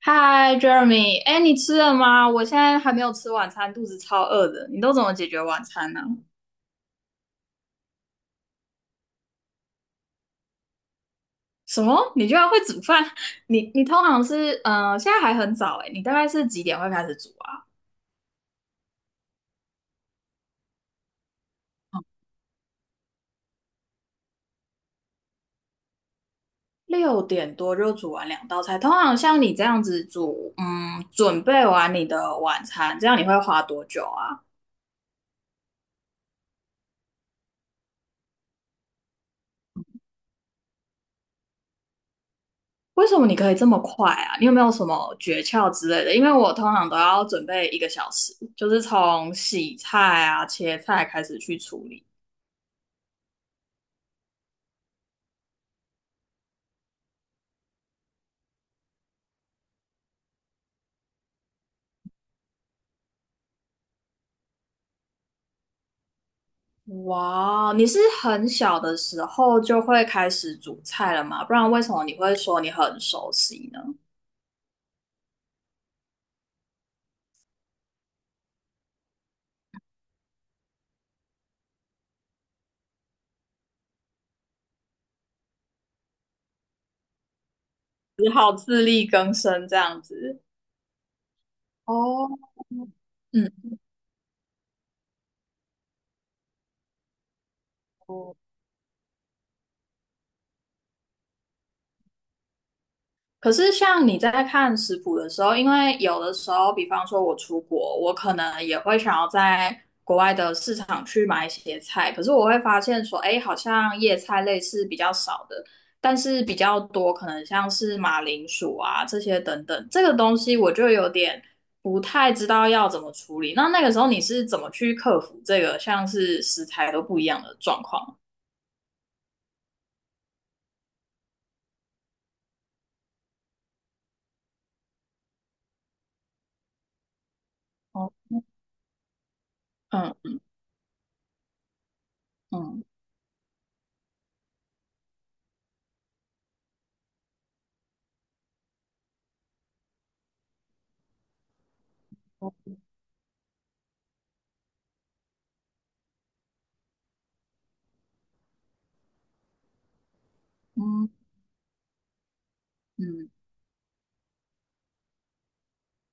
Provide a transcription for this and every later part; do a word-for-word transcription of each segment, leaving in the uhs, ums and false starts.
嗨，Jeremy，哎，你吃了吗？我现在还没有吃晚餐，肚子超饿的。你都怎么解决晚餐呢？什么？你居然会煮饭？你你通常是嗯，现在还很早哎，你大概是几点会开始煮啊？六点多就煮完两道菜。通常像你这样子煮，嗯，准备完你的晚餐，这样你会花多久啊？为什么你可以这么快啊？你有没有什么诀窍之类的？因为我通常都要准备一个小时，就是从洗菜啊、切菜开始去处理。哇，你是很小的时候就会开始煮菜了吗？不然为什么你会说你很熟悉呢？只好自力更生这样子。哦，嗯，可是，像你在看食谱的时候，因为有的时候，比方说我出国，我可能也会想要在国外的市场去买一些菜。可是我会发现说，哎，好像叶菜类是比较少的，但是比较多可能像是马铃薯啊这些等等，这个东西我就有点不太知道要怎么处理。那那个时候你是怎么去克服这个像是食材都不一样的状况？哦，嗯嗯嗯嗯。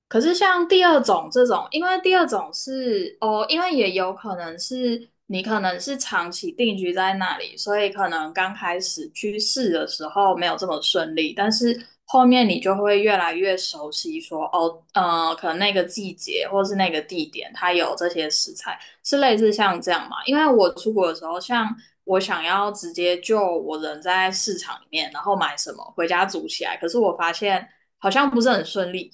可是像第二种这种，因为第二种是哦，因为也有可能是你可能是长期定居在那里，所以可能刚开始去试的时候没有这么顺利，但是后面你就会越来越熟悉说，哦，呃，可能那个季节或是那个地点，它有这些食材，是类似像这样嘛？因为我出国的时候，像我想要直接就我人在市场里面，然后买什么回家煮起来，可是我发现好像不是很顺利。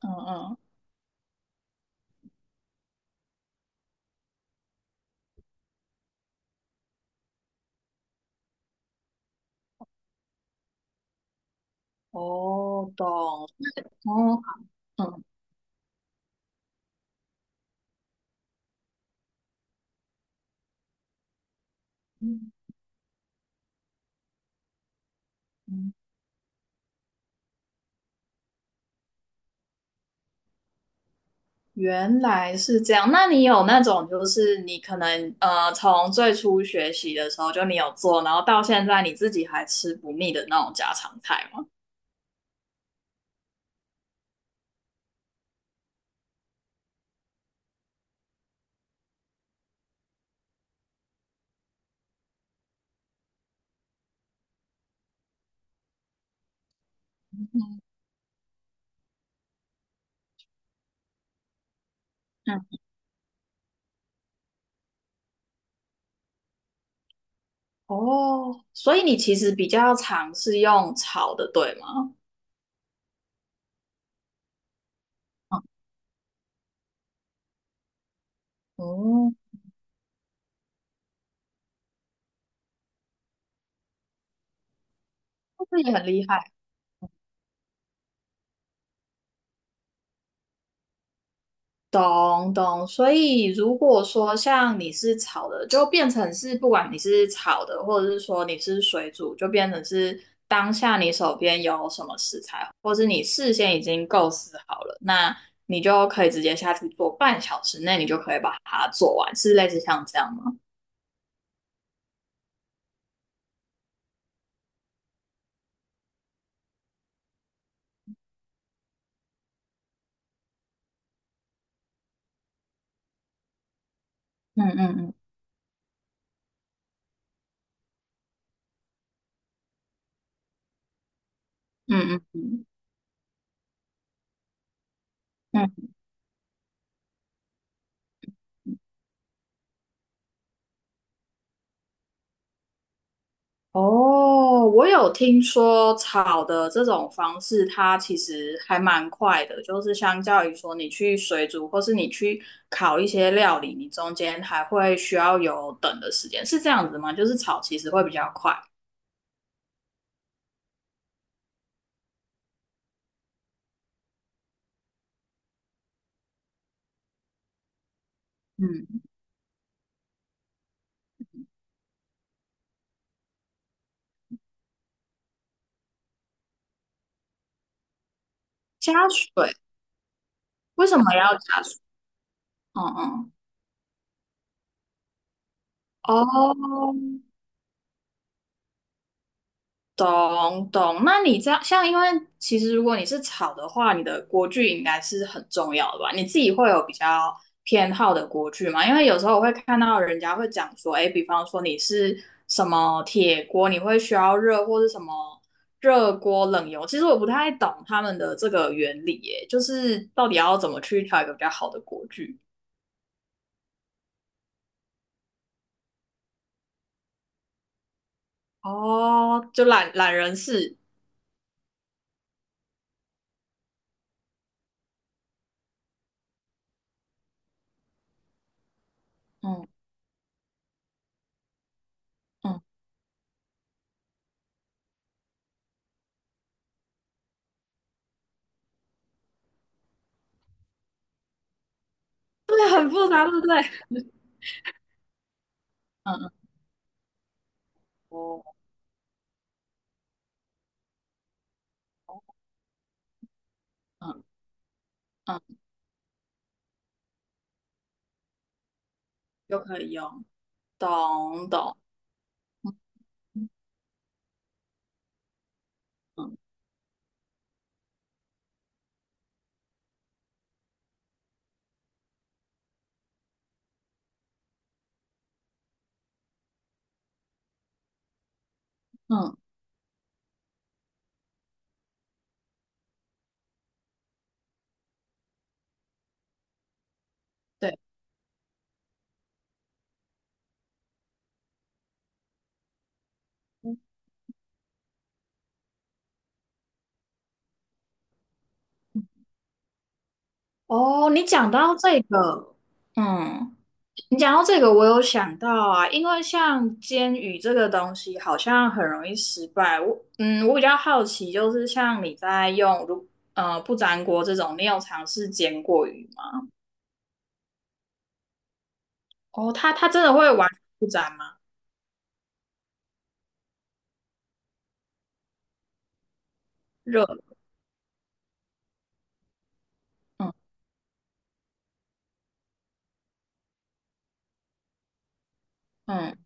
嗯嗯，哦，懂，哦，嗯嗯嗯原来是这样。那你有那种，就是你可能呃，从最初学习的时候就你有做，然后到现在你自己还吃不腻的那种家常菜吗？嗯，哦，所以你其实比较常是用炒的，对吗？哦，那这也很厉害。懂懂，所以如果说像你是炒的，就变成是不管你是炒的，或者是说你是水煮，就变成是当下你手边有什么食材，或是你事先已经构思好了，那你就可以直接下去做，半小时内你就可以把它做完，是类似像这样吗？嗯嗯嗯嗯嗯嗯嗯。哦，我有听说炒的这种方式，它其实还蛮快的，就是相较于说你去水煮或是你去烤一些料理，你中间还会需要有等的时间，是这样子吗？就是炒其实会比较快。嗯，加水。为什么要加水？嗯嗯，哦，懂懂，那你这样像，因为其实如果你是炒的话，你的锅具应该是很重要的吧？你自己会有比较偏好的锅具吗？因为有时候我会看到人家会讲说，哎，比方说你是什么铁锅，你会需要热或是什么热锅冷油，其实我不太懂他们的这个原理，耶，就是到底要怎么去挑一个比较好的锅具？哦，就懒懒人式，嗯嗯，对，很复杂，对不对？嗯嗯，哦，嗯嗯。就可以用。懂懂，嗯嗯，对。哦，你讲到这个，嗯，你讲到这个，我有想到啊，因为像煎鱼这个东西，好像很容易失败。我嗯，我比较好奇，就是像你在用如呃不粘锅这种，你有尝试煎过鱼吗？哦，它它真的会完全不粘吗？热，嗯嗯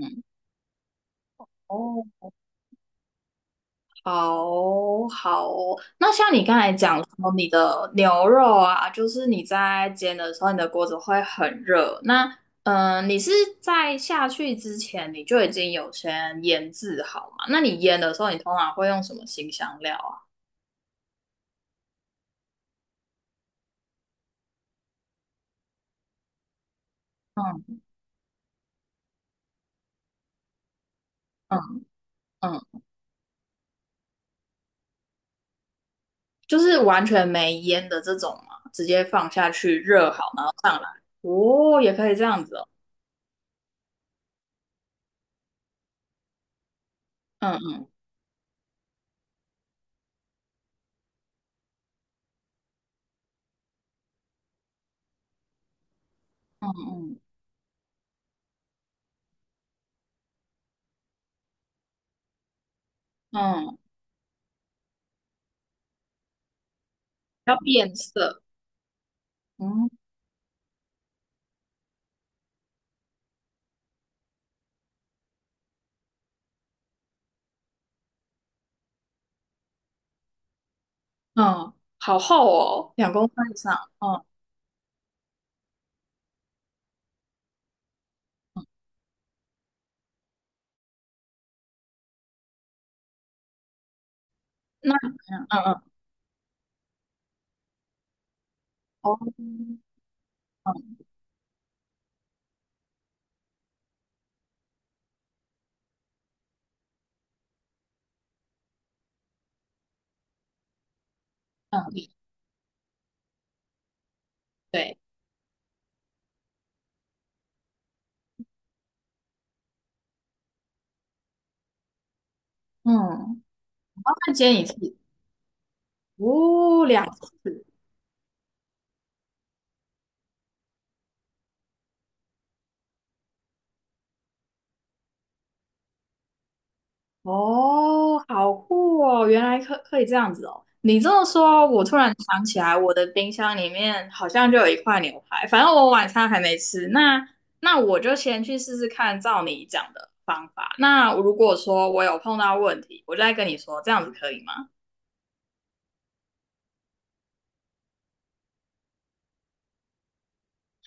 嗯，哦，好好哦，那像你刚才讲说你的牛肉啊，就是你在煎的时候，你的锅子会很热。那嗯、呃你是在下去之前你就已经有先腌制好嘛？那你腌的时候，你通常会用什么新香料啊？嗯嗯嗯，就是完全没腌的这种嘛，直接放下去热好吗？哦，也可以这样子哦。嗯嗯嗯嗯嗯，要变色。嗯嗯，好厚哦，两公分以上。嗯。那嗯嗯嗯哦，嗯嗯，对，嗯，我再煎一次哦，两次，哦，好酷哦，原来可可以这样子哦。你这么说，我突然想起来，我的冰箱里面好像就有一块牛排，反正我晚餐还没吃。那那我就先去试试看，照你讲的方法。那如果说我有碰到问题，我就再跟你说，这样子可以吗？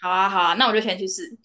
好啊，好啊，那我就先去试。